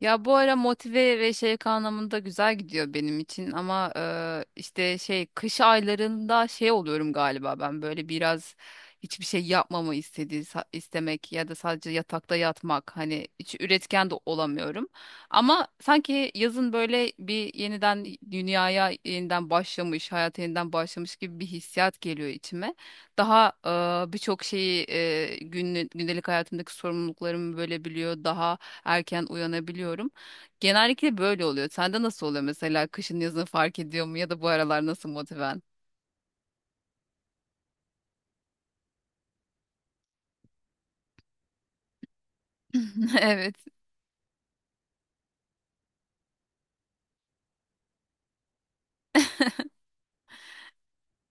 Ya bu ara motive ve şey anlamında güzel gidiyor benim için ama işte şey kış aylarında şey oluyorum galiba ben böyle biraz hiçbir şey yapmamı istemek ya da sadece yatakta yatmak hani hiç üretken de olamıyorum. Ama sanki yazın böyle bir yeniden dünyaya yeniden başlamış, hayata yeniden başlamış gibi bir hissiyat geliyor içime. Daha birçok şeyi gündelik hayatımdaki sorumluluklarımı bölebiliyor, daha erken uyanabiliyorum. Genellikle böyle oluyor. Sende nasıl oluyor mesela? Kışın yazın fark ediyor mu, ya da bu aralar nasıl motiven? Evet,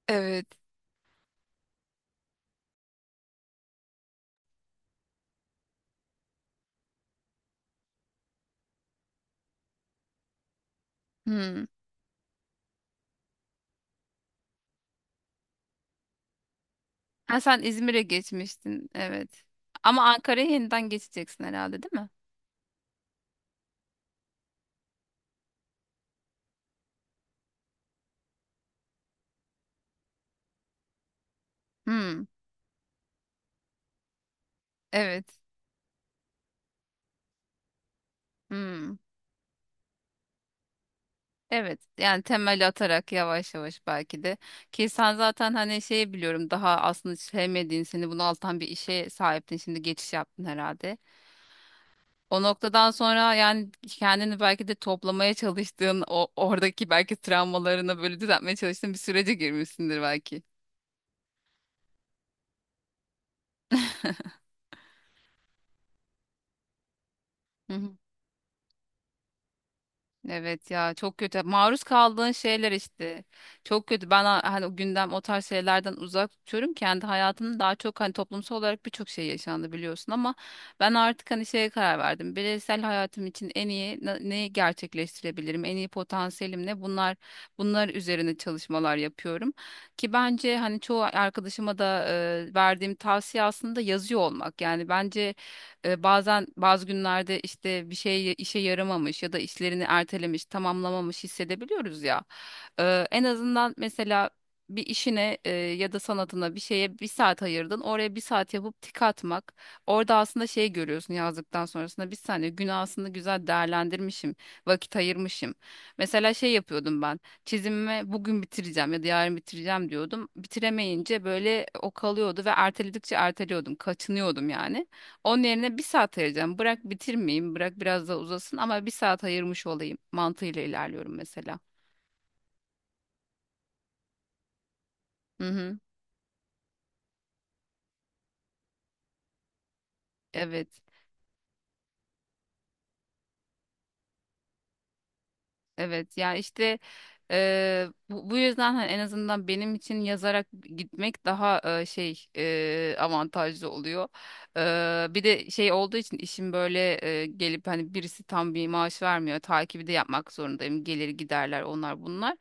evet. Hmm. Ha, sen İzmir'e geçmiştin, evet. Ama Ankara'ya yeniden geçeceksin herhalde, değil mi? Hmm. Evet. Hmm. Evet. Yani temel atarak yavaş yavaş, belki de. Ki sen zaten hani şeyi biliyorum, daha aslında sevmediğin, seni bunaltan bir işe sahiptin. Şimdi geçiş yaptın herhalde. O noktadan sonra yani kendini belki de toplamaya çalıştığın, o oradaki belki travmalarını böyle düzeltmeye çalıştığın bir sürece girmişsindir belki. Hı hı. Evet ya, çok kötü. Maruz kaldığın şeyler işte. Çok kötü. Hani o gündem, o tarz şeylerden uzak tutuyorum. Kendi hayatımın daha çok, hani, toplumsal olarak birçok şey yaşandı, biliyorsun, ama ben artık hani şeye karar verdim. Bireysel hayatım için en iyi neyi gerçekleştirebilirim? En iyi potansiyelim ne? Bunlar üzerine çalışmalar yapıyorum. Ki bence, hani, çoğu arkadaşıma da verdiğim tavsiye aslında yazıyor olmak. Yani bence bazen bazı günlerde işte bir şey işe yaramamış ya da işlerini ertelemiş, tamamlamamış hissedebiliyoruz ya. En azından mesela bir işine ya da sanatına, bir şeye bir saat ayırdın. Oraya bir saat yapıp tik atmak. Orada aslında şey görüyorsun, yazdıktan sonrasında bir saniye, günü aslında güzel değerlendirmişim. Vakit ayırmışım. Mesela şey yapıyordum ben. Çizimimi bugün bitireceğim ya da yarın bitireceğim diyordum. Bitiremeyince böyle o kalıyordu ve erteledikçe erteliyordum. Kaçınıyordum yani. Onun yerine bir saat ayıracağım. Bırak bitirmeyeyim, bırak biraz daha uzasın, ama bir saat ayırmış olayım mantığıyla ilerliyorum mesela. Hı hı. Evet. Evet, yani işte, bu yüzden, hani, en azından benim için yazarak gitmek daha avantajlı oluyor. Bir de şey olduğu için işim, böyle, gelip hani birisi tam bir maaş vermiyor. Takibi de yapmak zorundayım. Gelir giderler, onlar bunlar.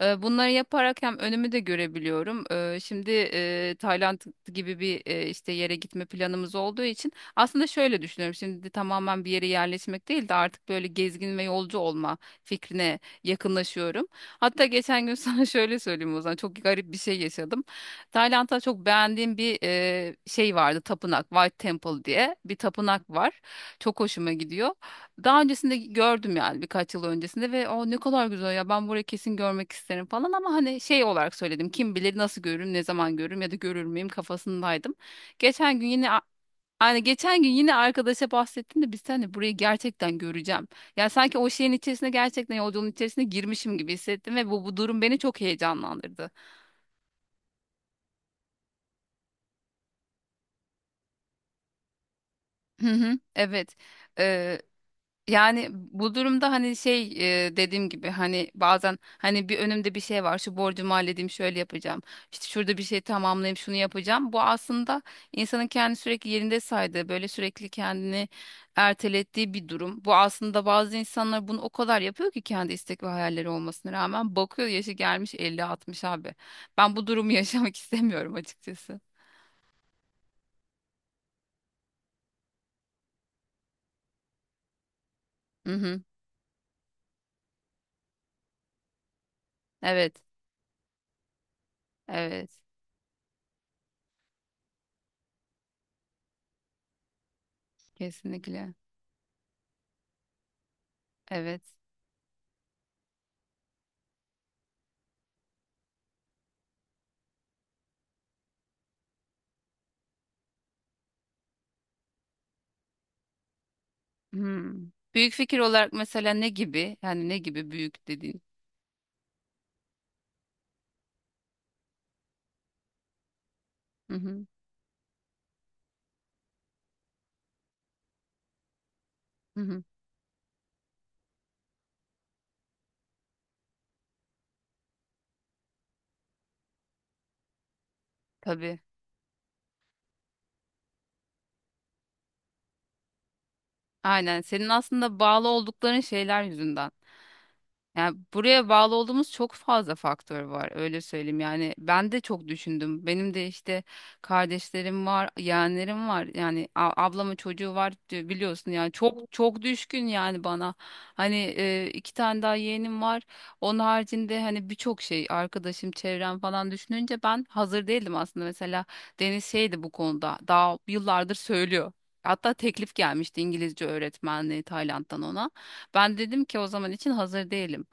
Bunları yaparak hem önümü de görebiliyorum. Şimdi, Tayland gibi bir, işte, yere gitme planımız olduğu için aslında şöyle düşünüyorum. Şimdi tamamen bir yere yerleşmek değil de artık böyle gezgin ve yolcu olma fikrine yakınlaşıyorum. Hatta geçen gün sana şöyle söyleyeyim, o zaman çok garip bir şey yaşadım. Tayland'da çok beğendiğim bir şey vardı, tapınak, White Temple diye bir tapınak var. Çok hoşuma gidiyor. Daha öncesinde gördüm, yani birkaç yıl öncesinde, ve o ne kadar güzel ya, ben burayı kesin görmek isterim falan, ama hani şey olarak söyledim, kim bilir nasıl görürüm, ne zaman görürüm ya da görür müyüm kafasındaydım. Geçen gün yine Geçen gün yine arkadaşa bahsettim de biz seninle burayı gerçekten göreceğim. Yani sanki o şeyin içerisine, gerçekten yolculuğun içerisine girmişim gibi hissettim ve bu durum beni çok heyecanlandırdı. Hı hı, evet. Yani bu durumda, hani, şey, dediğim gibi, hani, bazen, hani, bir önümde bir şey var, şu borcumu halledeyim, şöyle yapacağım, işte şurada bir şey tamamlayayım, şunu yapacağım, bu aslında insanın kendi sürekli yerinde saydığı, böyle sürekli kendini ertelettiği bir durum. Bu aslında bazı insanlar bunu o kadar yapıyor ki, kendi istek ve hayalleri olmasına rağmen, bakıyor yaşı gelmiş elli altmış, abi ben bu durumu yaşamak istemiyorum açıkçası. Hı hı. Evet, evet, kesinlikle, evet. Hmm. Büyük fikir olarak mesela ne gibi? Yani ne gibi büyük dediğin? Hı hı. Hı hı. Tabii. Aynen. Senin aslında bağlı oldukların şeyler yüzünden. Yani buraya bağlı olduğumuz çok fazla faktör var, öyle söyleyeyim. Yani ben de çok düşündüm. Benim de işte kardeşlerim var, yeğenlerim var. Ablamın çocuğu var, diyor, biliyorsun yani, çok çok düşkün yani bana. Hani, iki tane daha yeğenim var. Onun haricinde, hani, birçok şey, arkadaşım, çevrem falan düşününce ben hazır değildim aslında. Mesela Deniz şeydi bu konuda, daha yıllardır söylüyor. Hatta teklif gelmişti, İngilizce öğretmenliği Tayland'dan ona. Ben dedim ki o zaman için hazır değilim.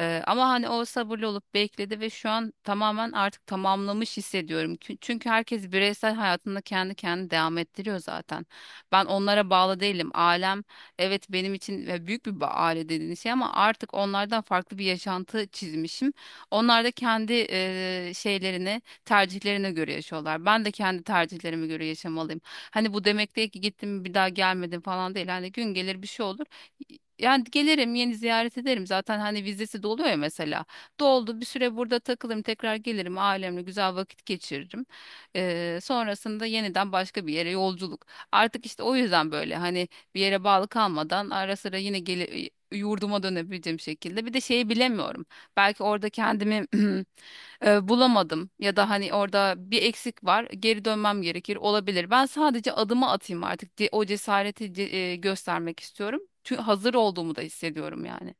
Ama hani, o sabırlı olup bekledi ve şu an tamamen artık tamamlamış hissediyorum. Çünkü herkes bireysel hayatında kendi kendini devam ettiriyor zaten. Ben onlara bağlı değilim. Ailem evet, benim için, ve büyük bir aile dediğiniz şey, ama artık onlardan farklı bir yaşantı çizmişim. Onlar da kendi şeylerini, tercihlerine göre yaşıyorlar. Ben de kendi tercihlerime göre yaşamalıyım. Hani bu demek değil ki gittim bir daha gelmedim falan, değil. Hani gün gelir, bir şey olur. Yani gelirim, yeni ziyaret ederim, zaten hani vizesi doluyor ya mesela, doldu, bir süre burada takılırım, tekrar gelirim, ailemle güzel vakit geçiririm. Sonrasında yeniden başka bir yere yolculuk, artık işte o yüzden, böyle, hani, bir yere bağlı kalmadan ara sıra yine gele, yurduma dönebileceğim şekilde. Bir de şeyi bilemiyorum, belki orada kendimi bulamadım ya da hani orada bir eksik var, geri dönmem gerekir, olabilir. Ben sadece adımı atayım artık. O cesareti göstermek istiyorum. Çünkü hazır olduğumu da hissediyorum yani.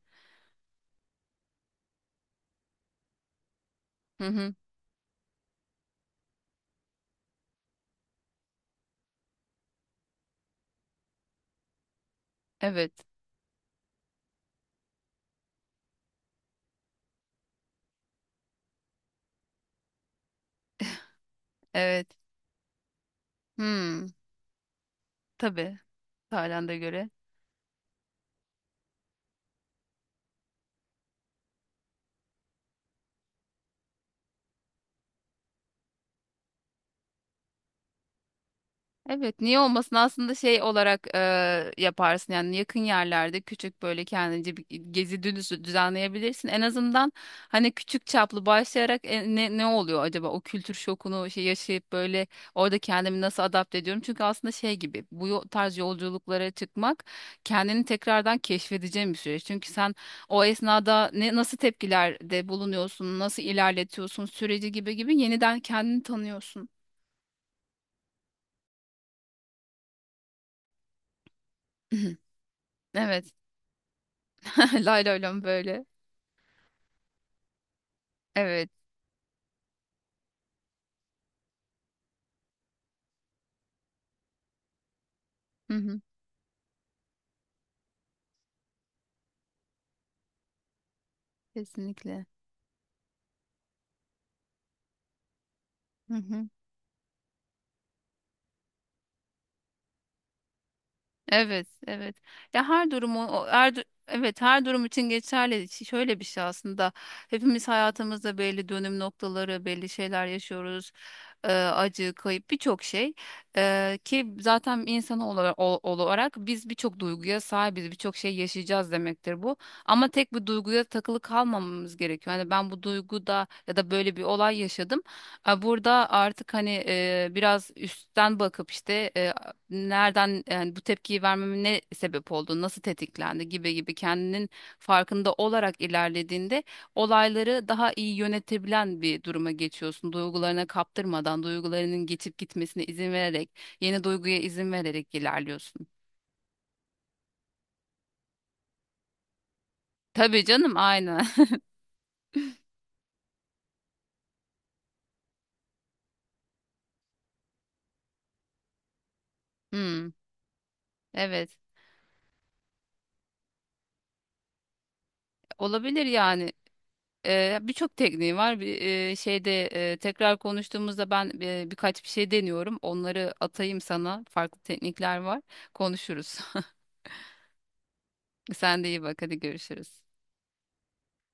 Hı hı. Evet. Evet. Hmm. Tabii, Tayland'a göre. Evet, niye olmasın? Aslında şey olarak yaparsın yani, yakın yerlerde küçük böyle kendince bir gezi dönüşü düzenleyebilirsin. En azından, hani, küçük çaplı başlayarak ne ne oluyor acaba o kültür şokunu, şey yaşayıp, böyle orada kendimi nasıl adapte ediyorum? Çünkü aslında şey gibi, bu tarz yolculuklara çıkmak kendini tekrardan keşfedeceğin bir süreç. Çünkü sen o esnada ne, nasıl tepkilerde bulunuyorsun, nasıl ilerletiyorsun süreci gibi gibi, yeniden kendini tanıyorsun. Evet. Lay lay lom böyle. Evet. Hı hı. Kesinlikle. Hı hı. Evet, evet. Ya her durumu, her, evet, her durum için geçerli. Şöyle bir şey aslında. Hepimiz hayatımızda belli dönüm noktaları, belli şeyler yaşıyoruz. Acı, kayıp, birçok şey. Ki zaten insan olarak, biz birçok duyguya sahibiz, birçok şey yaşayacağız demektir bu. Ama tek bir duyguya takılı kalmamamız gerekiyor. Hani ben bu duyguda, ya da böyle bir olay yaşadım. Ha, burada artık, hani, biraz üstten bakıp, işte, nereden, yani bu tepkiyi vermeme ne sebep oldu, nasıl tetiklendi gibi gibi, kendinin farkında olarak ilerlediğinde olayları daha iyi yönetebilen bir duruma geçiyorsun. Duygularına kaptırmadan, duygularının geçip gitmesine izin vererek, yeni duyguya izin vererek ilerliyorsun. Tabii canım, aynen. Hmm, evet, olabilir yani. Birçok tekniği var. Bir şeyde, tekrar konuştuğumuzda ben birkaç bir şey deniyorum. Onları atayım sana. Farklı teknikler var. Konuşuruz. Sen de iyi bak, hadi görüşürüz.